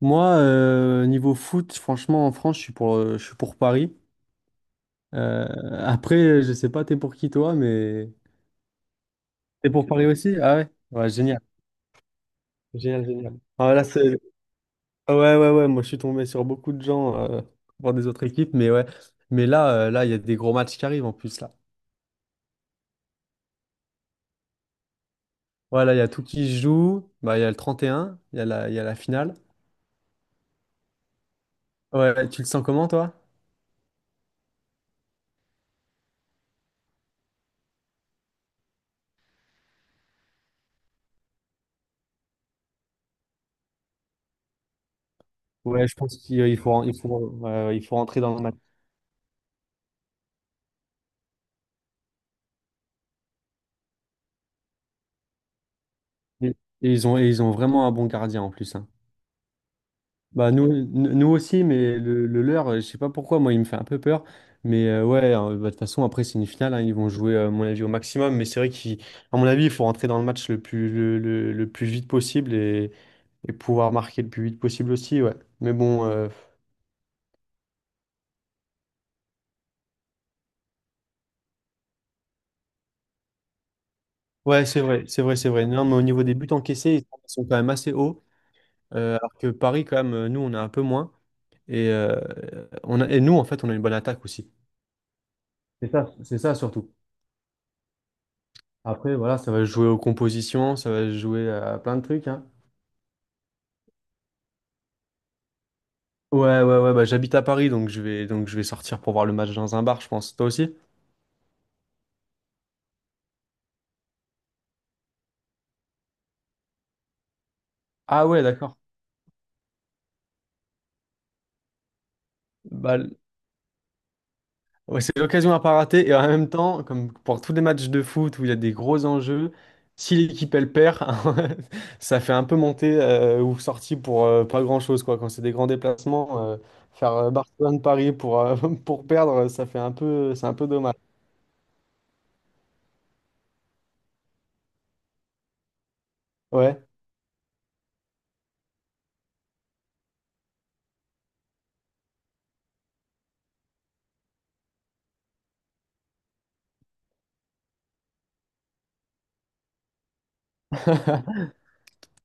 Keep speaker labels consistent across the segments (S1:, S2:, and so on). S1: Moi, niveau foot, franchement, en France, je suis pour Paris. Euh, après, je sais pas, t'es pour qui toi, mais t'es pour Paris aussi? Ah, ouais? Ouais, génial, génial, génial. Ah, là. Ah, ouais, ouais, ouais. Moi, je suis tombé sur beaucoup de gens, pour des autres équipes, mais ouais. Mais là, il y a des gros matchs qui arrivent en plus là. Voilà, il y a tout qui se joue. Bah, il y a le 31, il y a la finale. Ouais, ouais, tu le sens comment toi? Ouais, je pense qu'il il faut, il faut, il faut rentrer dans le match. Et et ils ont vraiment un bon gardien en plus, hein. Bah, nous aussi, mais le leur, je sais pas pourquoi, moi il me fait un peu peur. Mais ouais, hein, bah, de toute façon, après c'est une finale, hein, ils vont jouer, à mon avis, au maximum. Mais c'est vrai qu'à mon avis, il faut rentrer dans le match le plus vite possible, et pouvoir marquer le plus vite possible aussi, ouais. Mais bon, ouais, c'est vrai, c'est vrai, c'est vrai. Non, mais au niveau des buts encaissés, ils sont quand même assez hauts. Alors que Paris, quand même, nous, on a un peu moins. Et, euh, et nous, en fait, on a une bonne attaque aussi. C'est ça surtout. Après, voilà, ça va se jouer aux compositions, ça va se jouer à plein de trucs, hein. Ouais, ouais, ouais, bah, j'habite à Paris, donc je vais sortir pour voir le match dans un bar, je pense. Toi aussi? Ah, ouais, d'accord. Bah, l- ouais, c'est l'occasion à pas rater, et en même temps, comme pour tous les matchs de foot où il y a des gros enjeux, si l'équipe elle perd, ça fait un peu monter, ou sortie pour, pas grand-chose, quoi. Quand c'est des grands déplacements, faire, Barcelone-Paris pour, pour perdre, ça fait un peu, c'est un peu dommage. Ouais.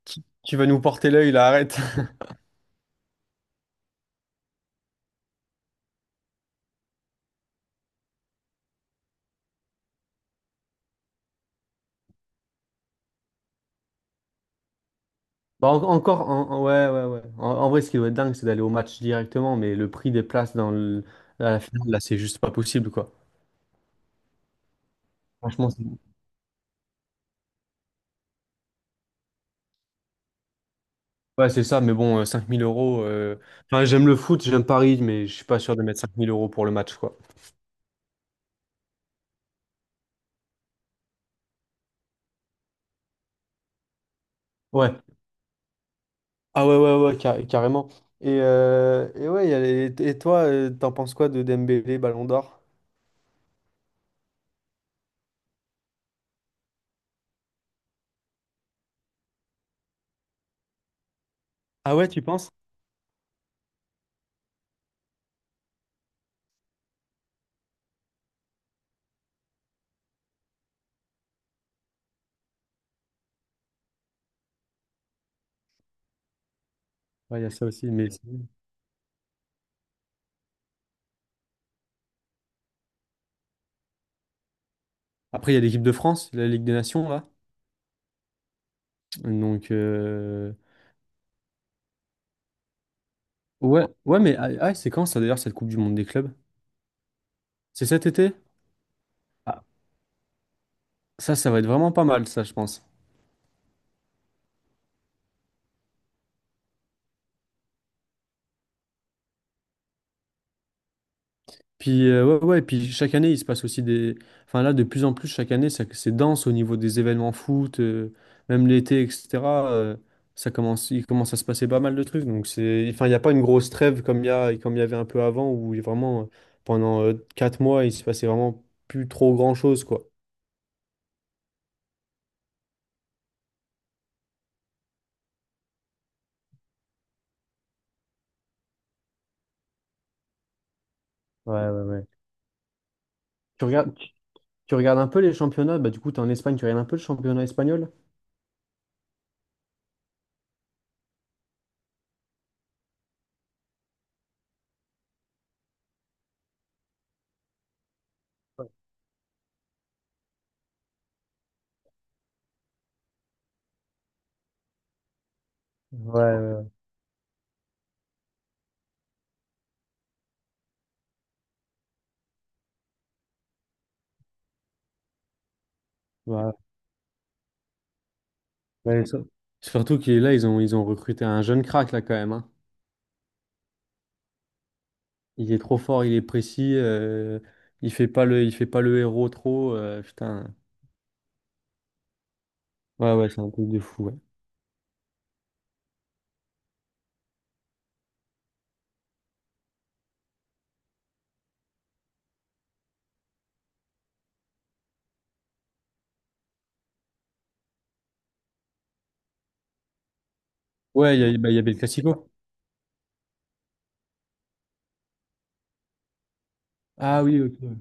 S1: Tu vas nous porter l'œil là, arrête. Encore, ouais, ouais, ouais. En vrai, ce qui doit être dingue, c'est d'aller au match directement, mais le prix des places à la finale, là, c'est juste pas possible, quoi. Franchement, ouais, c'est ça, mais bon, 5000 euros. Enfin, j'aime le foot, j'aime Paris, mais je suis pas sûr de mettre 5 000 € pour le match, quoi. Ouais. Ah, ouais, ouais, ouais, carrément. Et ouais, il y a les- et toi, t'en penses quoi de Dembélé, Ballon d'Or? Ah, ouais, tu penses? Ouais, il y a ça aussi, mais après, il y a l'équipe de France, la Ligue des Nations, là. Donc. Ouais, ouais, mais ah, ah, c'est quand ça d'ailleurs cette Coupe du Monde des clubs? C'est cet été? Ah, ça va être vraiment pas mal, ça, je pense. Puis ouais, ouais, et puis chaque année, il se passe aussi des. Enfin là, de plus en plus, chaque année, c'est dense au niveau des événements foot, même l'été, etc. euh, il commence à se passer pas mal de trucs. Donc, enfin, il n'y a pas une grosse trêve comme il y avait un peu avant, où vraiment, pendant, 4 mois, il se passait vraiment plus trop grand-chose, quoi. Ouais, ouais, ouais. Tu regardes, tu regardes un peu les championnats, bah du coup, t'es en Espagne, tu regardes un peu le championnat espagnol? Ouais, ouais, ouais. Ouais. Surtout qu'il est là, ils ont recruté un jeune crack là quand même, hein. Il est trop fort, il est précis. Il fait pas le héros trop. Putain. Ouais, ouais, c'est un truc de fou. Ouais, ouais, bah, il y avait le Classico. Ah oui, ok.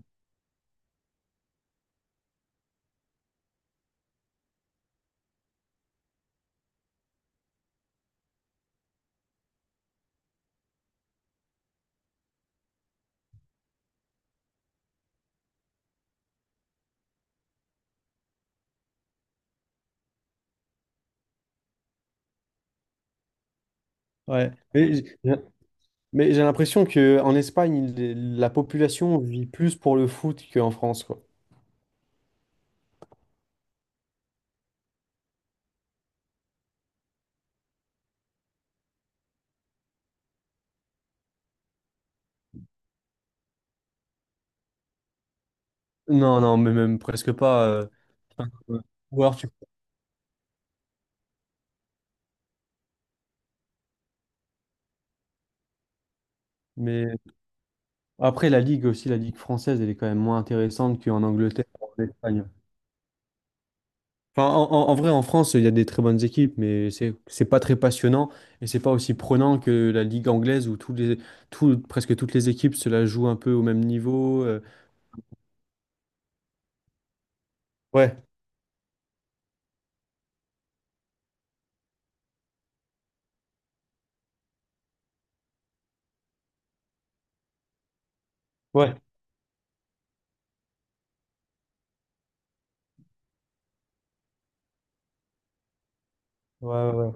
S1: Ouais. Mais j'ai l'impression que en Espagne, la population vit plus pour le foot qu'en France, quoi. Non, non, mais même presque pas. Ouais. Ou alors. Mais après, la Ligue aussi, la Ligue française, elle est quand même moins intéressante qu'en Angleterre ou en Espagne. Enfin, en vrai, en France, il y a des très bonnes équipes, mais c'est pas très passionnant et c'est pas aussi prenant que la ligue anglaise où presque toutes les équipes se la jouent un peu au même niveau. Ouais, ouais. Ouais, ouais, ouais.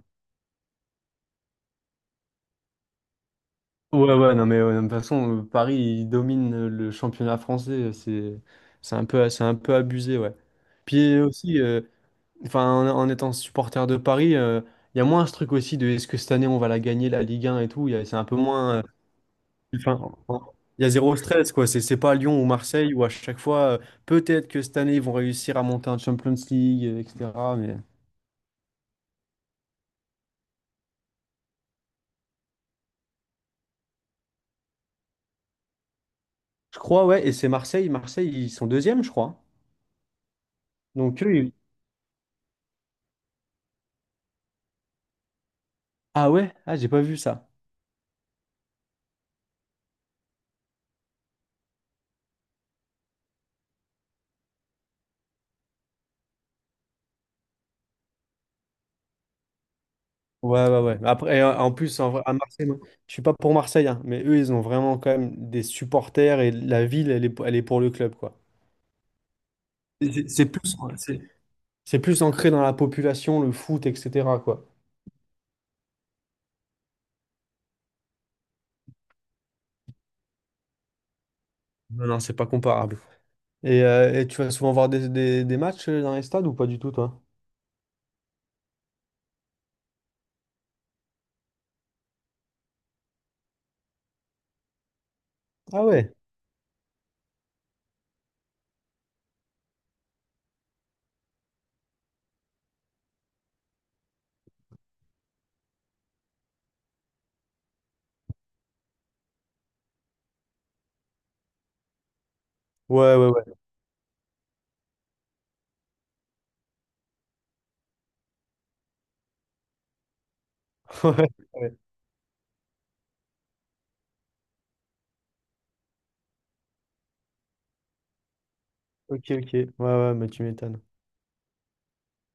S1: Ouais, ouais, non, mais ouais, de toute façon, Paris, il domine, le championnat français. C'est un peu abusé, ouais. Puis aussi, enfin, en étant supporter de Paris, il y a moins ce truc aussi de est-ce que cette année on va la gagner, la Ligue 1 et tout. C'est un peu moins. Enfin, il y a zéro stress, quoi. C'est pas Lyon ou Marseille où à chaque fois, peut-être que cette année, ils vont réussir à monter un Champions League, etc. Mais je crois, ouais. Et c'est Marseille. Marseille, ils sont deuxième, je crois. Donc, eux. Ah, ouais? Ah, j'ai pas vu ça. Ouais, ouais, ouais. Après, en plus, en vrai, à Marseille, moi, je suis pas pour Marseille, hein, mais eux, ils ont vraiment quand même des supporters et la ville, elle est pour le club, quoi. Et c'est plus ancré dans la population, le foot, etc., quoi. Non, non, c'est pas comparable. Et tu vas souvent voir des matchs, dans les stades ou pas du tout, toi? Ah, ouais. Ouais, ouais, ouais. Ouais, ouais. Ok, ok. Ouais, ouais, mais tu m'étonnes.